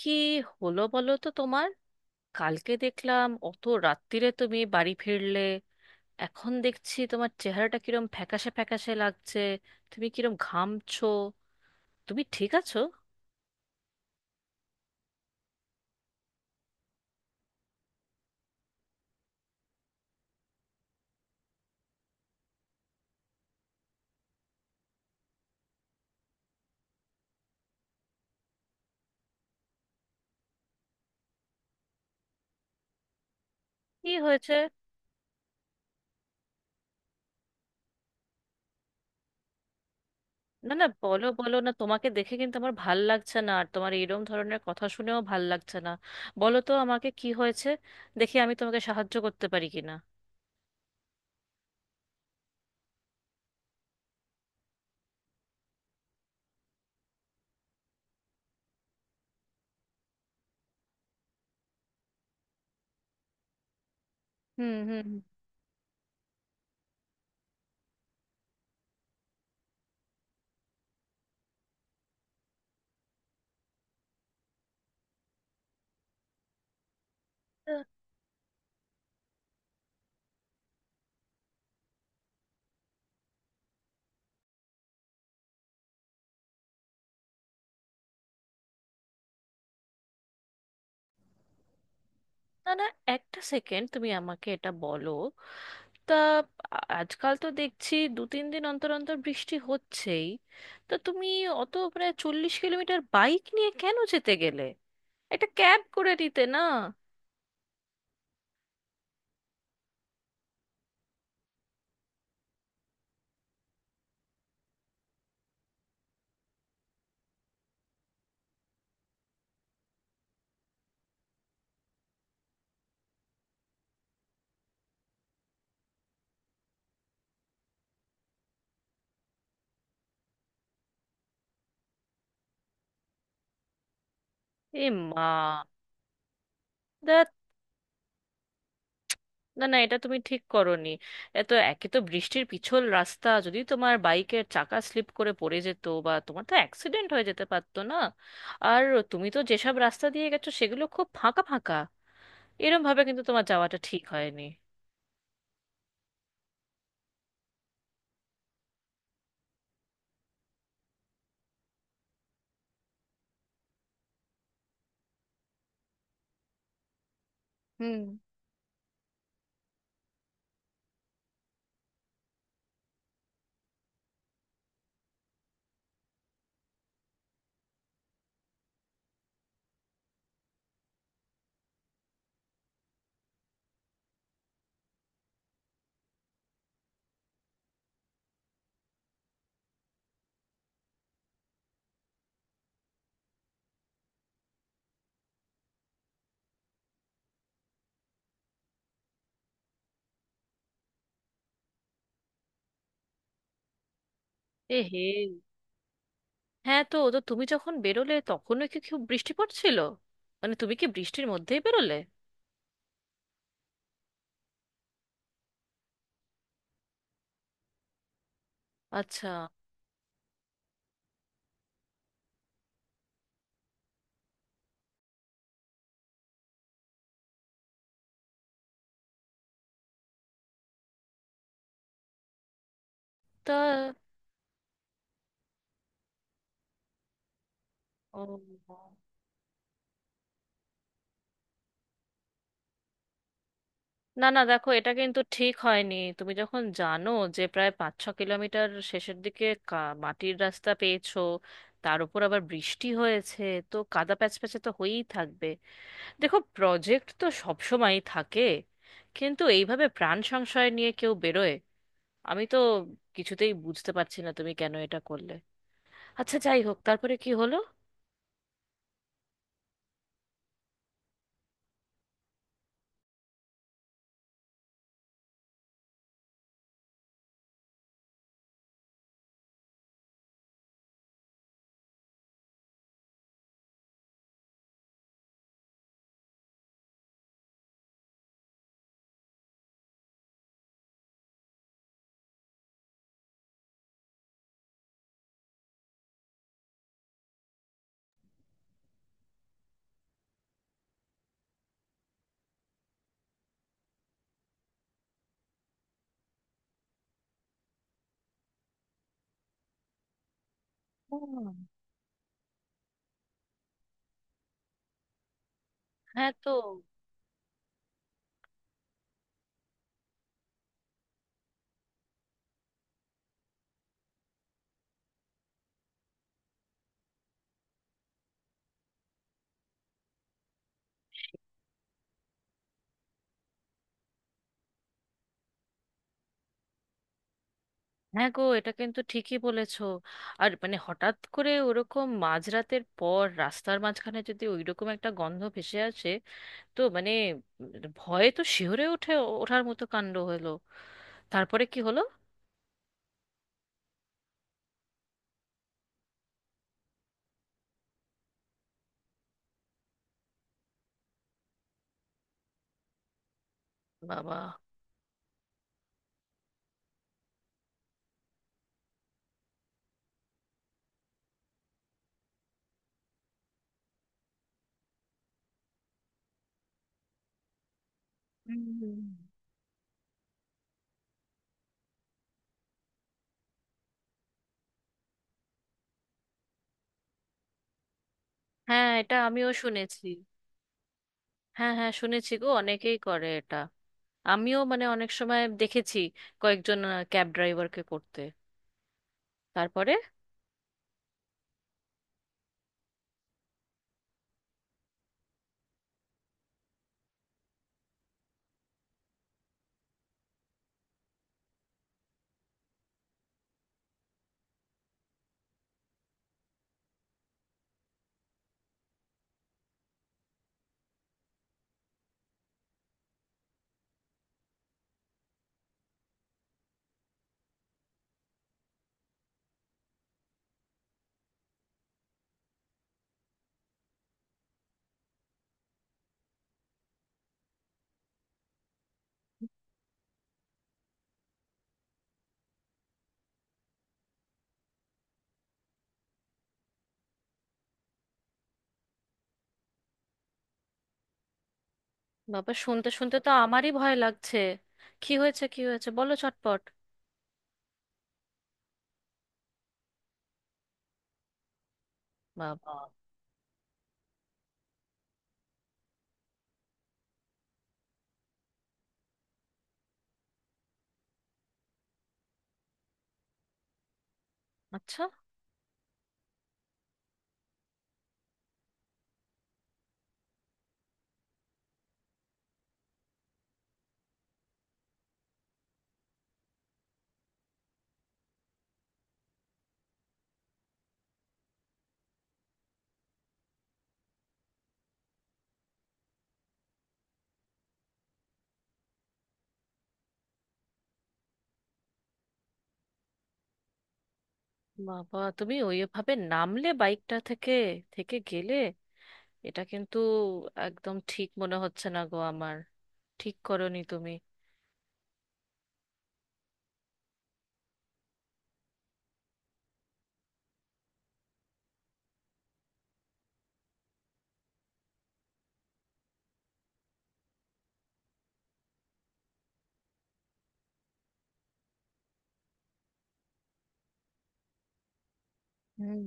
কি হলো বলো তো তোমার? কালকে দেখলাম অত রাত্তিরে তুমি বাড়ি ফিরলে। এখন দেখছি তোমার চেহারাটা কিরম ফ্যাকাশে ফ্যাকাশে লাগছে। তুমি কিরম ঘামছো। তুমি ঠিক আছো? কি হয়েছে? না না, বলো বলো না, তোমাকে দেখে কিন্তু আমার ভাল লাগছে না, আর তোমার এরম ধরনের কথা শুনেও ভাল লাগছে না। বলো তো আমাকে কি হয়েছে। দেখি আমি তোমাকে সাহায্য করতে পারি কিনা। হুম হুম। না না, একটা সেকেন্ড তুমি আমাকে এটা বলো। তা আজকাল তো দেখছি দু তিন দিন অন্তর অন্তর বৃষ্টি হচ্ছেই। তা তুমি অত প্রায় 40 কিলোমিটার বাইক নিয়ে কেন যেতে গেলে? একটা ক্যাব করে দিতে না? এ মা, দ্যাট। না না, এটা তুমি ঠিক করোনি। এত, একে তো বৃষ্টির পিছল রাস্তা, যদি তোমার বাইকের চাকা স্লিপ করে পড়ে যেত, বা তোমার তো অ্যাক্সিডেন্ট হয়ে যেতে পারতো না। আর তুমি তো যেসব রাস্তা দিয়ে গেছো সেগুলো খুব ফাঁকা ফাঁকা। এরম ভাবে কিন্তু তোমার যাওয়াটা ঠিক হয়নি। হুম। এ হে, হ্যাঁ, তো তো তুমি যখন বেরোলে তখনও কি খুব বৃষ্টি পড়ছিল? মানে তুমি কি বৃষ্টির মধ্যেই বেরোলে? আচ্ছা। তা, ও, না না, দেখো এটা কিন্তু ঠিক হয়নি। তুমি যখন জানো যে প্রায় 5-6 কিলোমিটার শেষের দিকে মাটির রাস্তা পেয়েছো, তার উপর আবার বৃষ্টি হয়েছে, তো কাদা প্যাচ প্যাচে তো হয়েই থাকবে। দেখো, প্রজেক্ট তো সব সময়ই থাকে, কিন্তু এইভাবে প্রাণ সংশয় নিয়ে কেউ বেরোয়? আমি তো কিছুতেই বুঝতে পারছি না তুমি কেন এটা করলে। আচ্ছা যাই হোক, তারপরে কি হলো? ও। হ্যাঁ। তো হ্যাঁ গো, এটা কিন্তু ঠিকই বলেছো। আর মানে হঠাৎ করে ওরকম মাঝরাতের পর রাস্তার মাঝখানে যদি ওইরকম একটা গন্ধ ভেসে আসে, তো মানে উম, ভয়ে তো শিহরে ওঠে, ওঠার মতো কাণ্ড হলো। তারপরে কি হলো? বাবা। হুম। হ্যাঁ, এটা আমিও শুনেছি। হ্যাঁ হ্যাঁ, শুনেছি গো, অনেকেই করে এটা। আমিও মানে অনেক সময় দেখেছি কয়েকজন ক্যাব ড্রাইভারকে করতে। তারপরে? বাবা, শুনতে শুনতে তো আমারই ভয় লাগছে। কি হয়েছে কি হয়েছে বলো চটপট। বাবা। আচ্ছা। বাবা, তুমি ওইভাবে নামলে বাইকটা থেকে, থেকে গেলে? এটা কিন্তু একদম ঠিক মনে হচ্ছে না গো আমার। ঠিক করনি তুমি। হুম।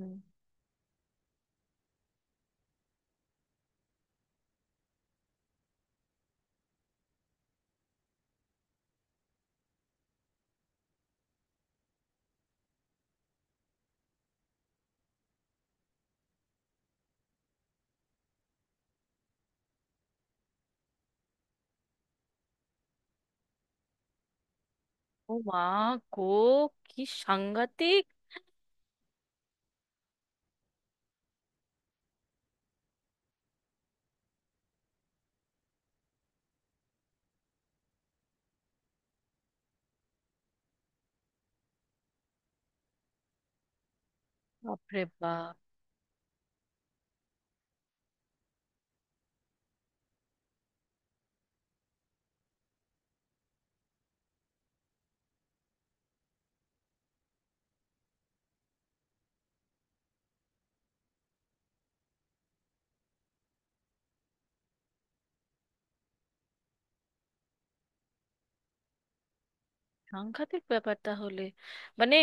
ও মা গো, কি সাংঘাতিক! বাপরে বাপ। সাংঘাতিক ব্যাপার তাহলে। মানে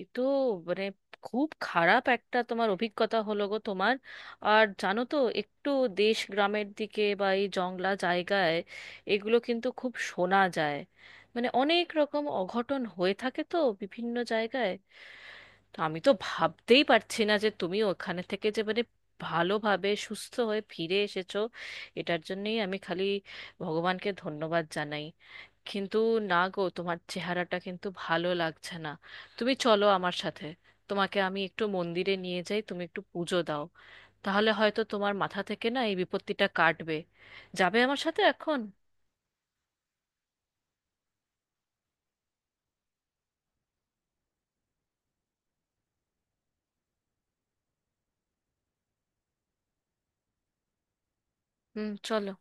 এ তো, মানে খুব খারাপ একটা তোমার অভিজ্ঞতা হলো গো তোমার। আর জানো তো, একটু দেশ গ্রামের দিকে বা এই জংলা জায়গায় এগুলো কিন্তু খুব শোনা যায়। মানে অনেক রকম অঘটন হয়ে থাকে তো বিভিন্ন জায়গায়। তো আমি তো ভাবতেই পারছি না যে তুমি ওখানে থেকে যে মানে ভালোভাবে সুস্থ হয়ে ফিরে এসেছো। এটার জন্যই আমি খালি ভগবানকে ধন্যবাদ জানাই। কিন্তু না গো, তোমার চেহারাটা কিন্তু ভালো লাগছে না। তুমি চলো আমার সাথে, তোমাকে আমি একটু মন্দিরে নিয়ে যাই, তুমি একটু পুজো দাও। তাহলে হয়তো তোমার মাথা থেকে না এই বিপত্তিটা কাটবে। যাবে আমার সাথে এখন? হুম, চলো।